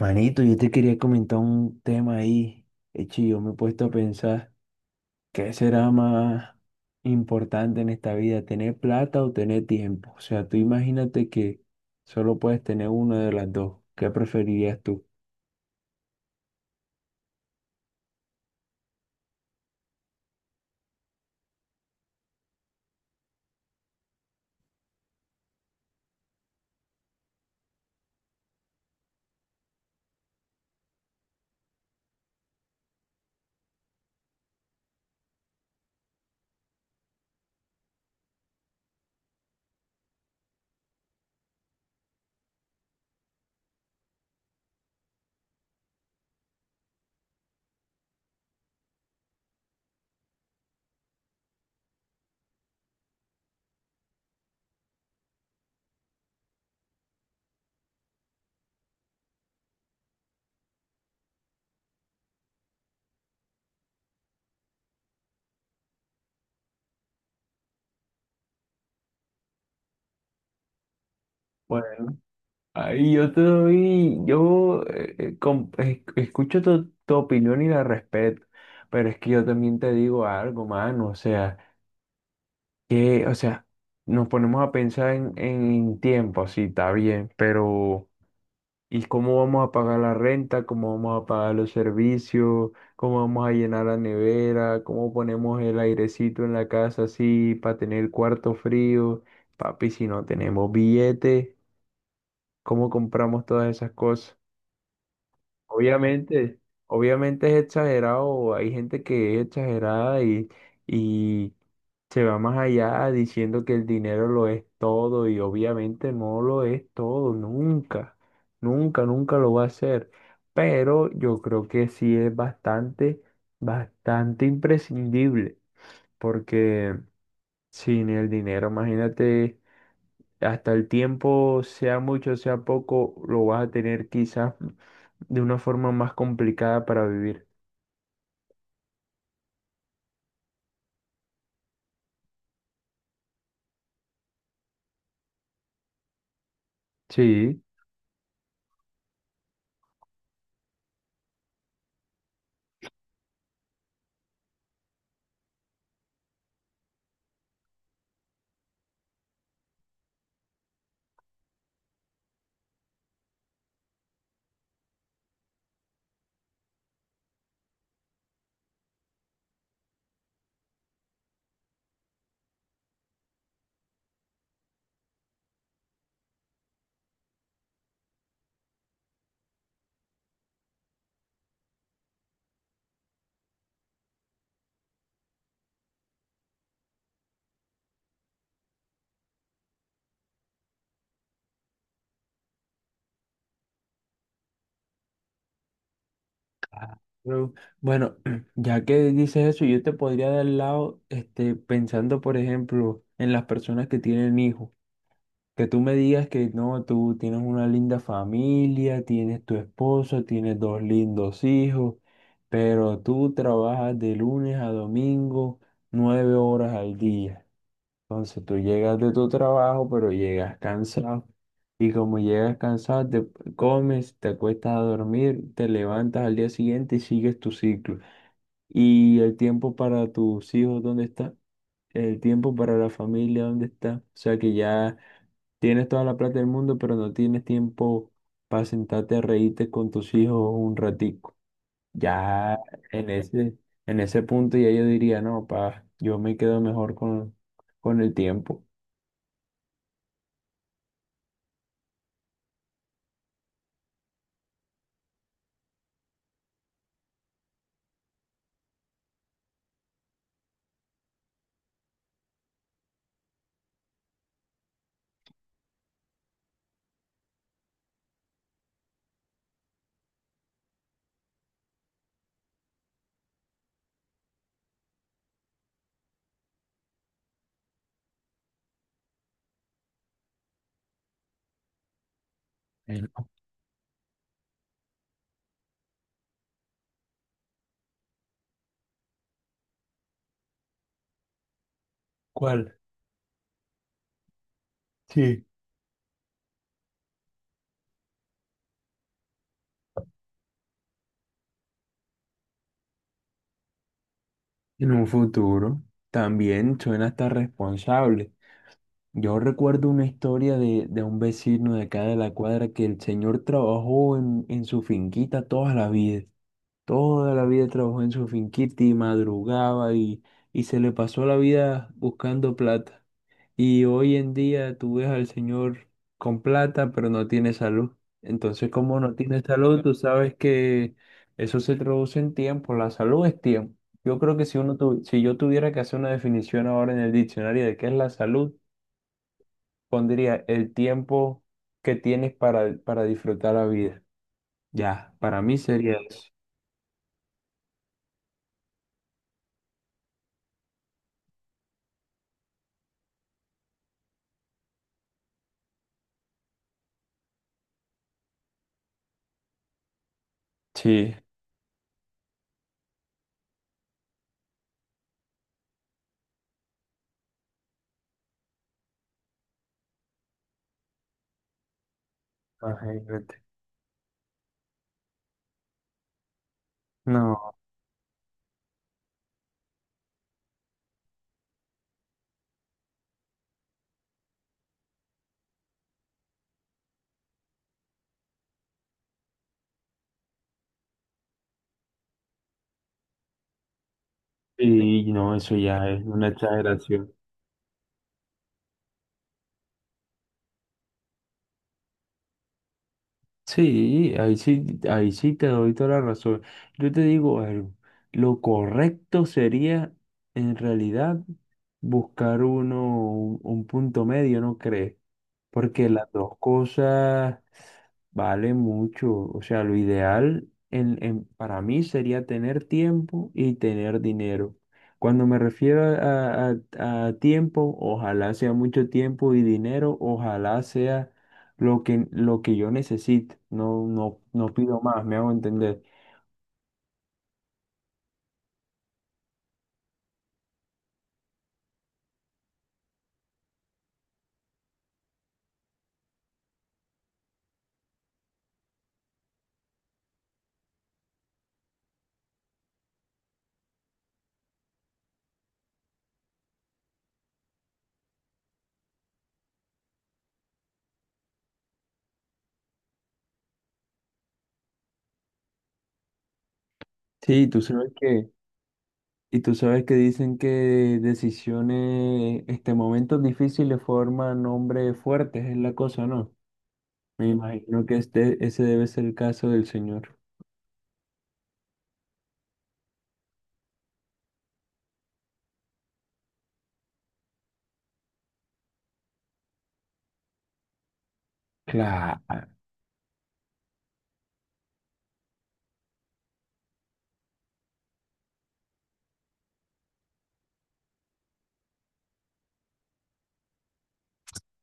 Manito, yo te quería comentar un tema ahí. Hecho, yo me he puesto a pensar, ¿qué será más importante en esta vida, tener plata o tener tiempo? O sea, tú imagínate que solo puedes tener una de las dos. ¿Qué preferirías tú? Pues ahí yo te doy, yo com- es- escucho tu opinión y la respeto, pero es que yo también te digo algo, mano, o sea, que, o sea, nos ponemos a pensar en tiempo, sí, está bien, pero ¿y cómo vamos a pagar la renta? ¿Cómo vamos a pagar los servicios? ¿Cómo vamos a llenar la nevera? ¿Cómo ponemos el airecito en la casa así para tener cuarto frío? Papi, si no tenemos billete, ¿cómo compramos todas esas cosas? Obviamente, obviamente es exagerado, hay gente que es exagerada y se va más allá diciendo que el dinero lo es todo y obviamente no lo es todo, nunca, nunca, nunca lo va a ser. Pero yo creo que sí es bastante, bastante imprescindible porque sin el dinero, imagínate, hasta el tiempo, sea mucho, sea poco, lo vas a tener quizás de una forma más complicada para vivir. Sí. Claro. Bueno, ya que dices eso, yo te podría dar el lado, este, pensando, por ejemplo, en las personas que tienen hijos. Que tú me digas que no, tú tienes una linda familia, tienes tu esposo, tienes dos lindos hijos, pero tú trabajas de lunes a domingo, 9 horas al día. Entonces tú llegas de tu trabajo, pero llegas cansado. Y como llegas cansado, te comes, te acuestas a dormir, te levantas al día siguiente y sigues tu ciclo. ¿Y el tiempo para tus hijos dónde está? ¿El tiempo para la familia dónde está? O sea que ya tienes toda la plata del mundo, pero no tienes tiempo para sentarte a reírte con tus hijos un ratico. Ya en ese, en ese punto ya yo diría, no, pa, yo me quedo mejor con el tiempo. Bueno. ¿Cuál? Sí. En un futuro también suena hasta responsable. Yo recuerdo una historia de un vecino de acá de la cuadra que el señor trabajó en su finquita toda la vida. Toda la vida trabajó en su finquita y madrugaba y se le pasó la vida buscando plata. Y hoy en día tú ves al señor con plata, pero no tiene salud. Entonces, como no tiene salud, tú sabes que eso se traduce en tiempo. La salud es tiempo. Yo creo que si yo tuviera que hacer una definición ahora en el diccionario de qué es la salud, pondría el tiempo que tienes para disfrutar la vida. Ya, para mí sería eso. Sí, imagínate. No, y no, eso ya es una exageración. Sí, ahí sí, ahí sí te doy toda la razón. Yo te digo algo, lo correcto sería en realidad buscar uno, un punto medio, ¿no crees? Porque las dos cosas valen mucho. O sea, lo ideal para mí sería tener tiempo y tener dinero. Cuando me refiero a tiempo, ojalá sea mucho tiempo y dinero, ojalá sea lo que yo necesite. No, no, no pido más, me hago entender. Sí, tú sabes que, y tú sabes que dicen que decisiones, este, momentos difíciles forman hombres fuertes, es la cosa, ¿no? Me imagino que ese debe ser el caso del señor. Claro.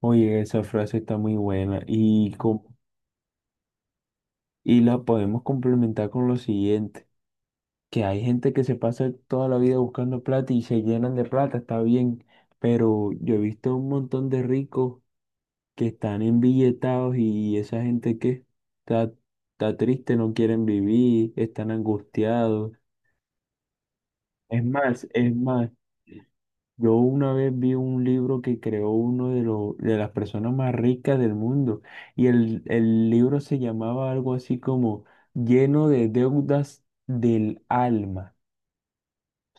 Oye, esa frase está muy buena y la podemos complementar con lo siguiente, que hay gente que se pasa toda la vida buscando plata y se llenan de plata, está bien, pero yo he visto un montón de ricos que están embilletados y esa gente que está, está triste, no quieren vivir, están angustiados. Es más, es más. Yo una vez vi un libro que creó los de las personas más ricas del mundo y el libro se llamaba algo así como Lleno de deudas del alma.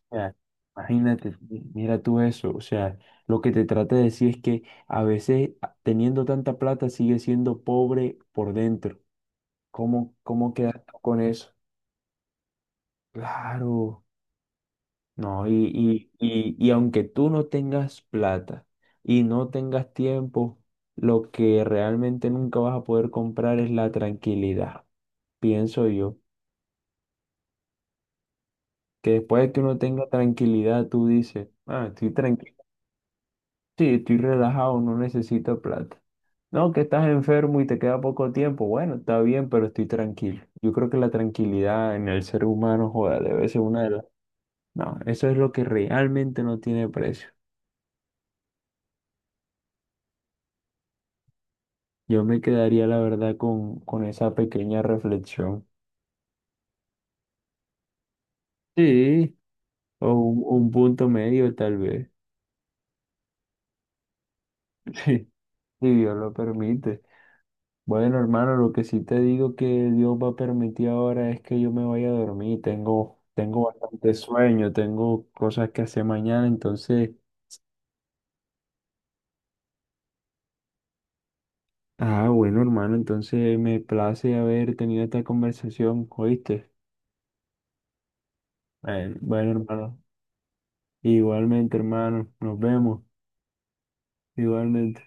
O sea, imagínate, mira tú eso. O sea, lo que te trata de decir es que a veces teniendo tanta plata sigue siendo pobre por dentro. ¿Cómo quedas tú con eso? Claro. No, y aunque tú no tengas plata y no tengas tiempo, lo que realmente nunca vas a poder comprar es la tranquilidad, pienso yo. Que después de que uno tenga tranquilidad, tú dices, ah, estoy tranquilo, sí, estoy relajado, no necesito plata. No, que estás enfermo y te queda poco tiempo, bueno, está bien, pero estoy tranquilo. Yo creo que la tranquilidad en el ser humano, joda, debe ser una de las... No, eso es lo que realmente no tiene precio. Yo me quedaría, la verdad, con esa pequeña reflexión. Sí, o un punto medio tal vez, sí, si Dios lo permite. Bueno, hermano, lo que sí te digo que Dios va a permitir ahora es que yo me vaya a dormir. Tengo bastante sueño, tengo cosas que hacer mañana, entonces... Ah, bueno, hermano, entonces me place haber tenido esta conversación, ¿oíste? Bueno, bueno, hermano. Igualmente, hermano, nos vemos. Igualmente.